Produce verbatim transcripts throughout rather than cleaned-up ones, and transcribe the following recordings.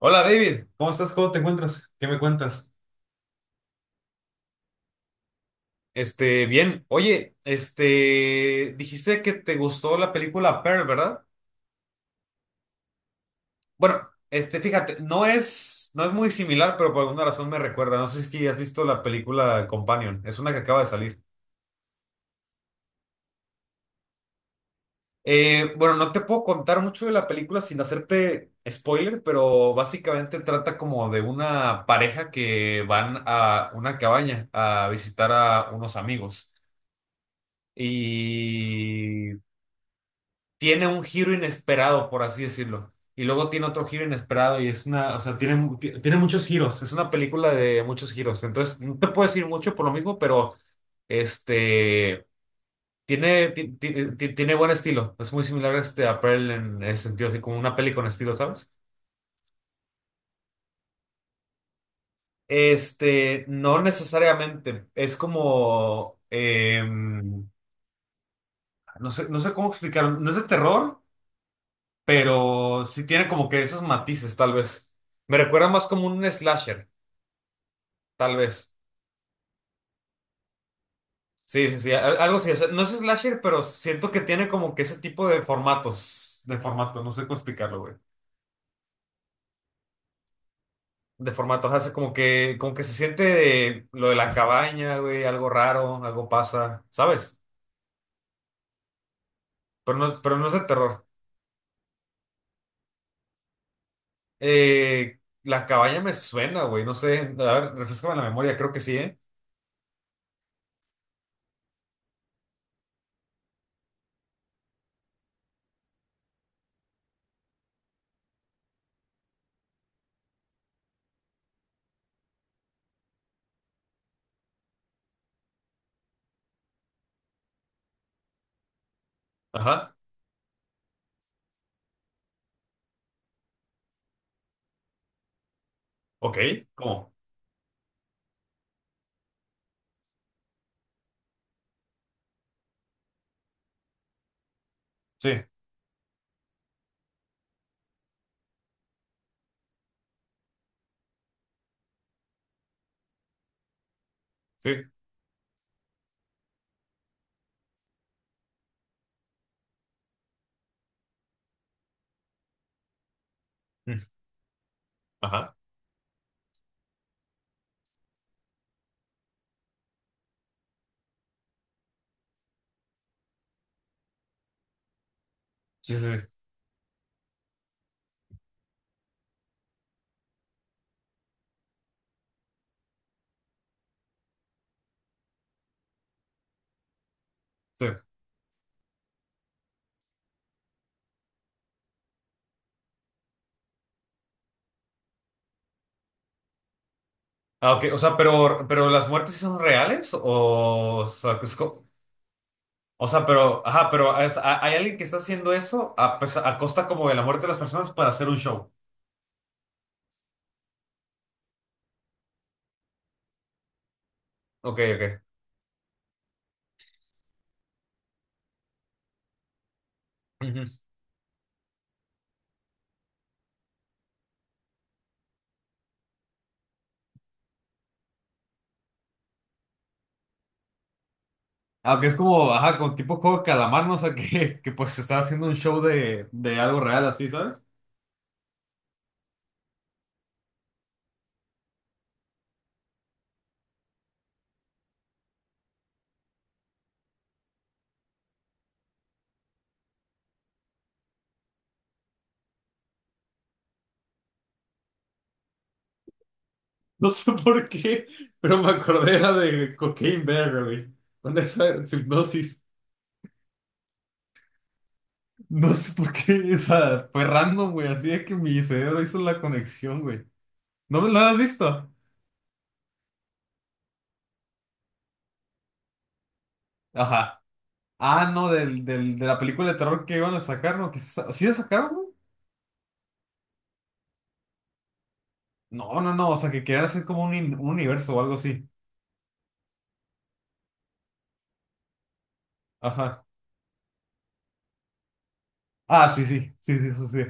Hola David, ¿cómo estás? ¿Cómo te encuentras? ¿Qué me cuentas? Este, bien. Oye, este, dijiste que te gustó la película Pearl, ¿verdad? Bueno, este, fíjate, no es, no es muy similar, pero por alguna razón me recuerda. No sé si es que has visto la película Companion, es una que acaba de salir. Eh, bueno, no te puedo contar mucho de la película sin hacerte spoiler, pero básicamente trata como de una pareja que van a una cabaña a visitar a unos amigos. Y tiene un giro inesperado, por así decirlo. Y luego tiene otro giro inesperado y es una, o sea, tiene, mu- ti- tiene muchos giros. Es una película de muchos giros. Entonces, no te puedo decir mucho por lo mismo, pero este, tiene, ti- ti- ti- tiene buen estilo. Es muy similar este, a Pearl en ese sentido, así como una peli con estilo, ¿sabes? Este, no necesariamente. Es como, em, no sé, no sé cómo explicarlo. No es de terror, pero sí tiene como que esos matices, tal vez. Me recuerda más como un slasher, tal vez. Sí, sí, sí, al- algo así. O sea, no es slasher, pero siento que tiene como que ese tipo de formatos, de formato, no sé cómo explicarlo, güey. De formato, hace como que, como que se siente de lo de la cabaña, güey, algo raro, algo pasa, ¿sabes? Pero no, es- pero no es de terror. Eh, la cabaña me suena, güey, no sé. A ver, refrescame la memoria, creo que sí, ¿eh? Ajá. Ok, ¿cómo? Sí, sí. Mm, ajá. Sí, sí, sí. Sí. Ah, ok, o sea, pero, pero las muertes sí son reales o, o sea, que es co- o sea, pero, ajá, pero o sea, hay alguien que está haciendo eso a, pesar- a costa como de la muerte de las personas para hacer un show. Ok, ok. Ujú. Aunque es como, ajá, con tipo juego de calamar, ¿no? O sea, que, que pues se estaba haciendo un show de, de algo real así, ¿sabes? No sé por qué, pero me acordé era de Cocaine Bear, güey. Con esa hipnosis. No sé por qué, esa fue random, güey. Así es que mi cerebro hizo la conexión, güey. ¿No, me- no la has visto? Ajá. Ah, no, del, del, de la película de terror que iban a sacar, ¿no? Que sí sa- ¿Sí la sacaron, no? No, no, no, o sea, que querían hacer como un, in- un universo o algo así. Ajá. Ah, sí, sí, sí, sí, sí, sí.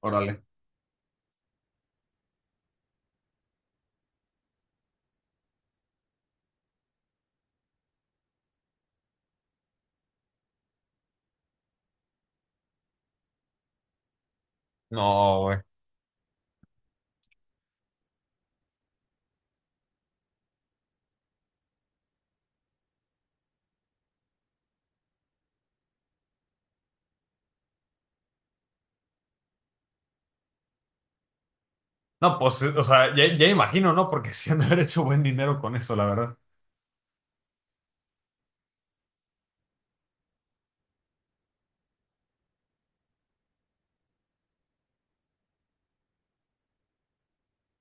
Órale. No, güey. No, pues, o sea, ya, ya imagino, ¿no? Porque sí han de haber hecho buen dinero con eso, la verdad.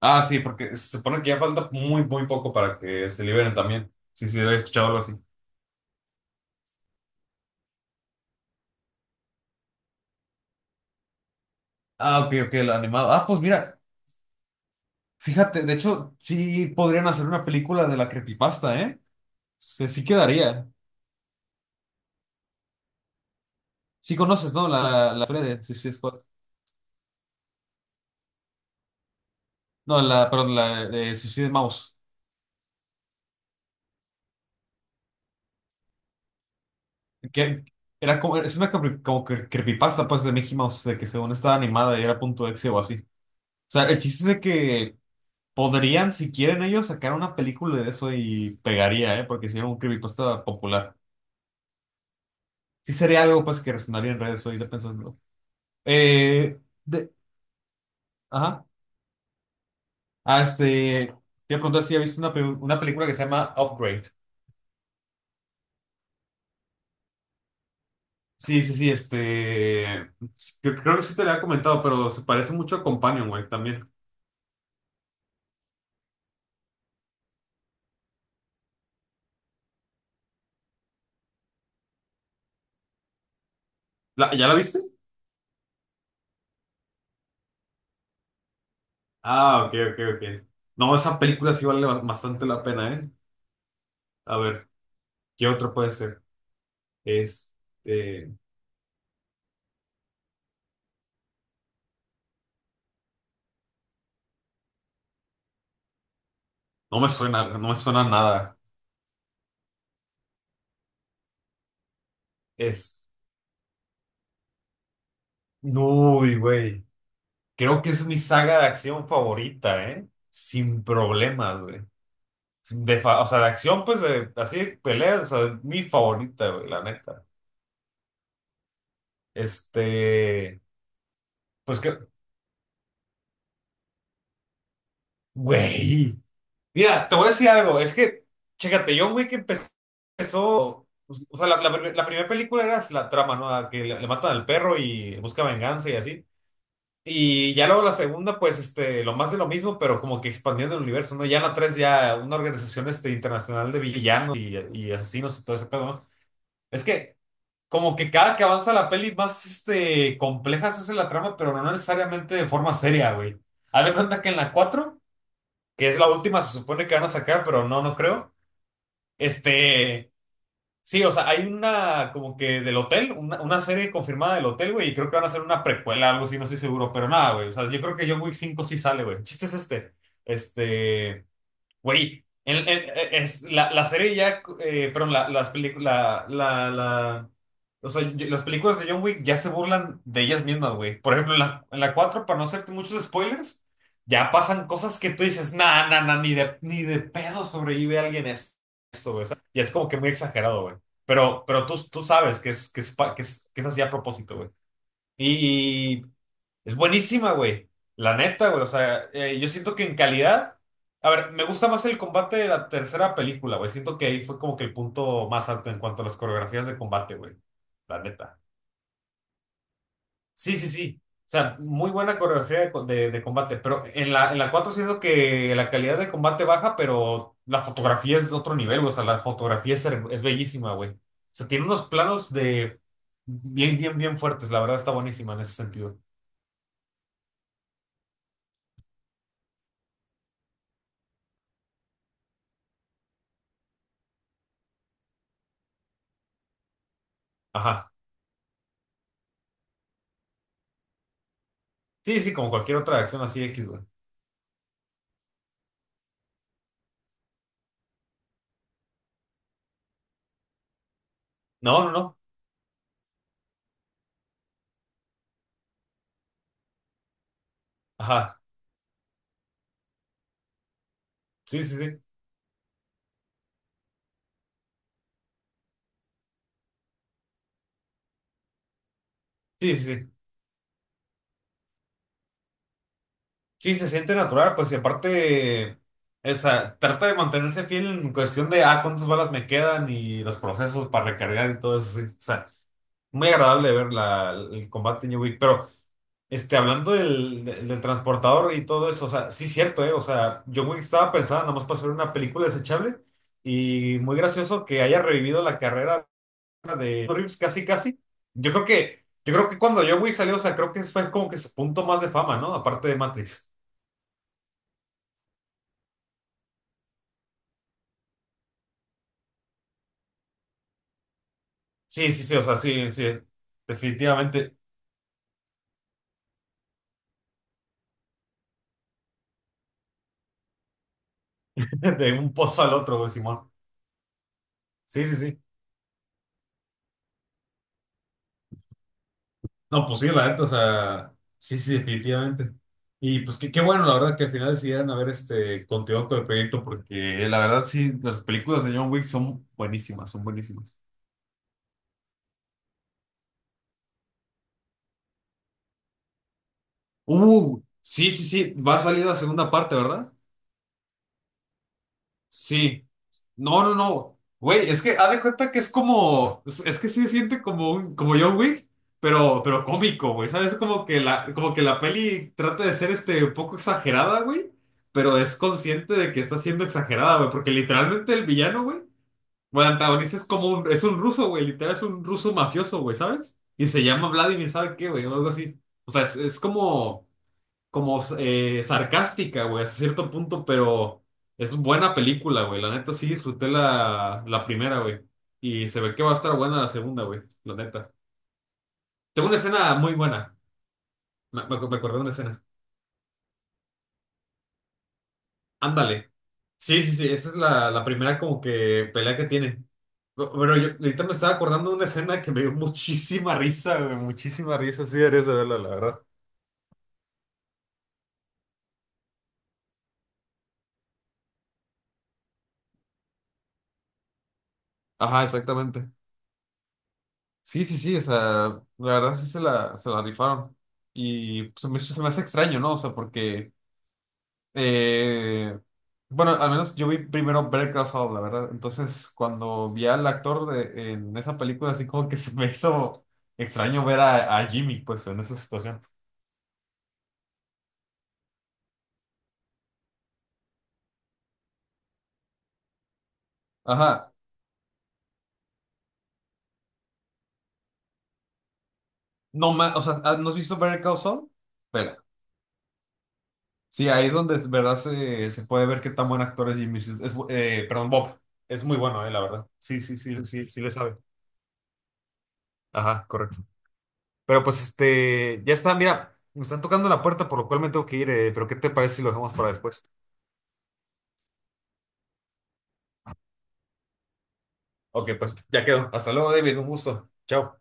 Ah, sí, porque se supone que ya falta muy, muy poco para que se liberen también. Sí, sí, había escuchado algo así. Ah, ok, ok, el animado. Ah, pues mira, fíjate, de hecho, sí podrían hacer una película de la creepypasta, ¿eh? Se- sí quedaría. Sí conoces, ¿no? La, la historia de Suicide Squad. No, la, perdón, la de Suicide Mouse. Que era como, es una cre- como que creepypasta, pues, de Mickey Mouse, de que según estaba animada y era punto exe o así. O sea, el chiste es de que podrían, si quieren ellos, sacar una película de eso y pegaría, ¿eh? Porque si era un creepypasta popular. Sí sería algo, pues, que resonaría en redes ahorita pensando. Eh, de, ajá. Ah, este, te voy a preguntar si has visto una, pe- una película que se llama Upgrade. Sí, sí, sí, este. Creo, creo que sí te lo había comentado, pero se parece mucho a Companion, güey, también. ¿La- ¿ya la viste? Ah, ok, ok, ok. No, esa película sí vale ba- bastante la pena, ¿eh? A ver, ¿qué otra puede ser? Este. No me suena, no me suena nada. Es. Uy, güey. Creo que es mi saga de acción favorita, ¿eh? Sin problemas, güey. De fa- O sea, de acción, pues, de- así, de peleas, o sea, mi favorita, güey, la neta. Este. Pues que Güey, mira, te voy a decir algo, es que, chécate, John Wick empezó, empezó- pues, o sea, la, la, prim- la primera película era la trama, ¿no? A Que le, le matan al perro y busca venganza y así. Y ya luego la segunda, pues, este, lo más de lo mismo, pero como que expandiendo el universo, ¿no? Ya en la tres, ya una organización, este, internacional de villanos y, y asesinos y todo ese pedo, ¿no? Es que como que cada que avanza la peli, más, este, compleja se hace la trama, pero no necesariamente de forma seria, güey. Haz de cuenta que en la cuatro que es la última, se supone que van a sacar, pero no, no creo. Este, sí, o sea, hay una como que del hotel, una, una serie confirmada del hotel, güey, y creo que van a hacer una precuela, algo así, no estoy seguro, pero nada, güey, o sea, yo creo que John Wick cinco sí sale, güey. El chiste es este, este, Güey, en- en- e, e, es, la, la serie ya, eh, perdón, la, las películas, la, la, la- o sea, yo- las películas de John Wick ya se burlan de ellas mismas, güey. Por ejemplo, en la, en la, cuatro para no hacerte muchos spoilers, ya pasan cosas que tú dices, nah, nah, nah, ni de, ni de pedo sobrevive alguien eso. Y es como que muy exagerado, güey. Pero, pero tú, tú sabes que es, que es, pa- que es, que es así a propósito, güey. Y, es buenísima, güey. La neta, güey. O sea, eh, yo siento que en calidad. A ver, me gusta más el combate de la tercera película, güey. Siento que ahí fue como que el punto más alto en cuanto a las coreografías de combate, güey. La neta. Sí, sí, sí. O sea, muy buena coreografía de, co- de- de combate. Pero en la, en la cuatro siento que la calidad de combate baja, pero la fotografía es de otro nivel, güey. O sea, la fotografía es, her- es bellísima, güey. O sea, tiene unos planos de bien, bien, bien fuertes. La verdad está buenísima en ese sentido. Ajá. Sí, sí, como cualquier otra acción así X, güey. No, no, no. Ajá. Sí, sí, sí. Sí, sí, sí. Sí, se siente natural, pues, y aparte, o sea, trata de mantenerse fiel en cuestión de, ah, cuántas balas me quedan y los procesos para recargar y todo eso, sí. O sea, muy agradable ver la, el combate en New Week, pero... Este, hablando del, del- del transportador y todo eso, o sea, sí es cierto, ¿eh? O sea, John Wick estaba pensada nada más para hacer una película desechable y muy gracioso que haya revivido la carrera de Reeves, casi, casi. Yo creo que, yo creo que cuando John Wick salió, o sea, creo que fue como que su punto más de fama, ¿no? Aparte de Matrix. Sí, sí, sí, o sea, sí, sí. Definitivamente, de un pozo al otro, güey, Simón. Sí, sí, sí. No, pues sí, la neta, o sea, sí, sí, definitivamente. Y pues qué, qué bueno, la verdad, que al final decidieron haber este, continuado con el proyecto, porque la verdad, sí, las películas de John Wick son buenísimas, son buenísimas. Uh, sí, sí, sí, va a salir la segunda parte, ¿verdad? Sí. No, no, no. Güey, es que haz de cuenta que es como. Es, es que sí se siente como un, como John Wick, pero, pero cómico, güey. ¿Sabes? Como que la, como que la peli trata de ser este un poco exagerada, güey. Pero es consciente de que está siendo exagerada, güey. Porque literalmente el villano, güey. O el antagonista es como un, es un ruso, güey. Literal es un ruso mafioso, güey, ¿sabes? Y se llama Vladimir, ¿sabe qué, güey? O algo así. O sea, es, es como como eh, sarcástica, güey, hasta cierto punto, pero es buena película, güey. La neta sí disfruté la, la primera, güey. Y se ve que va a estar buena la segunda, güey. La neta. Tengo una escena muy buena. Me, me, ac- me acordé de una escena. Ándale. Sí, sí, sí. Esa es la, la primera como que pelea que tiene. Pero yo ahorita me estaba acordando de una escena que me dio muchísima risa, güey. Muchísima risa. Sí, deberías de verla, la verdad. Ajá, exactamente. Sí, sí, sí, o sea, la verdad sí se la, se la rifaron. Y pues, se me, se me hace extraño, ¿no? O sea, porque, eh, bueno, al menos yo vi primero Better Call Saul, la verdad. Entonces, cuando vi al actor de, en esa película, así como que se me hizo extraño ver a, a Jimmy, pues, en esa situación. Ajá, no más, o sea, ¿ah, ¿no has visto Better Call Saul? Vela. Sí, ahí es donde, de verdad, se, se puede ver qué tan buen actor es Jimmy. Es, es- eh, perdón, Bob. Es muy bueno, eh, la verdad. Sí, sí, sí, sí, sí le sabe. Ajá, correcto. Pero pues este, ya está, mira, me están tocando la puerta, por lo cual me tengo que ir, eh, pero ¿qué te parece si lo dejamos para después? Ok, pues ya quedó. Hasta luego, David, un gusto. Chao.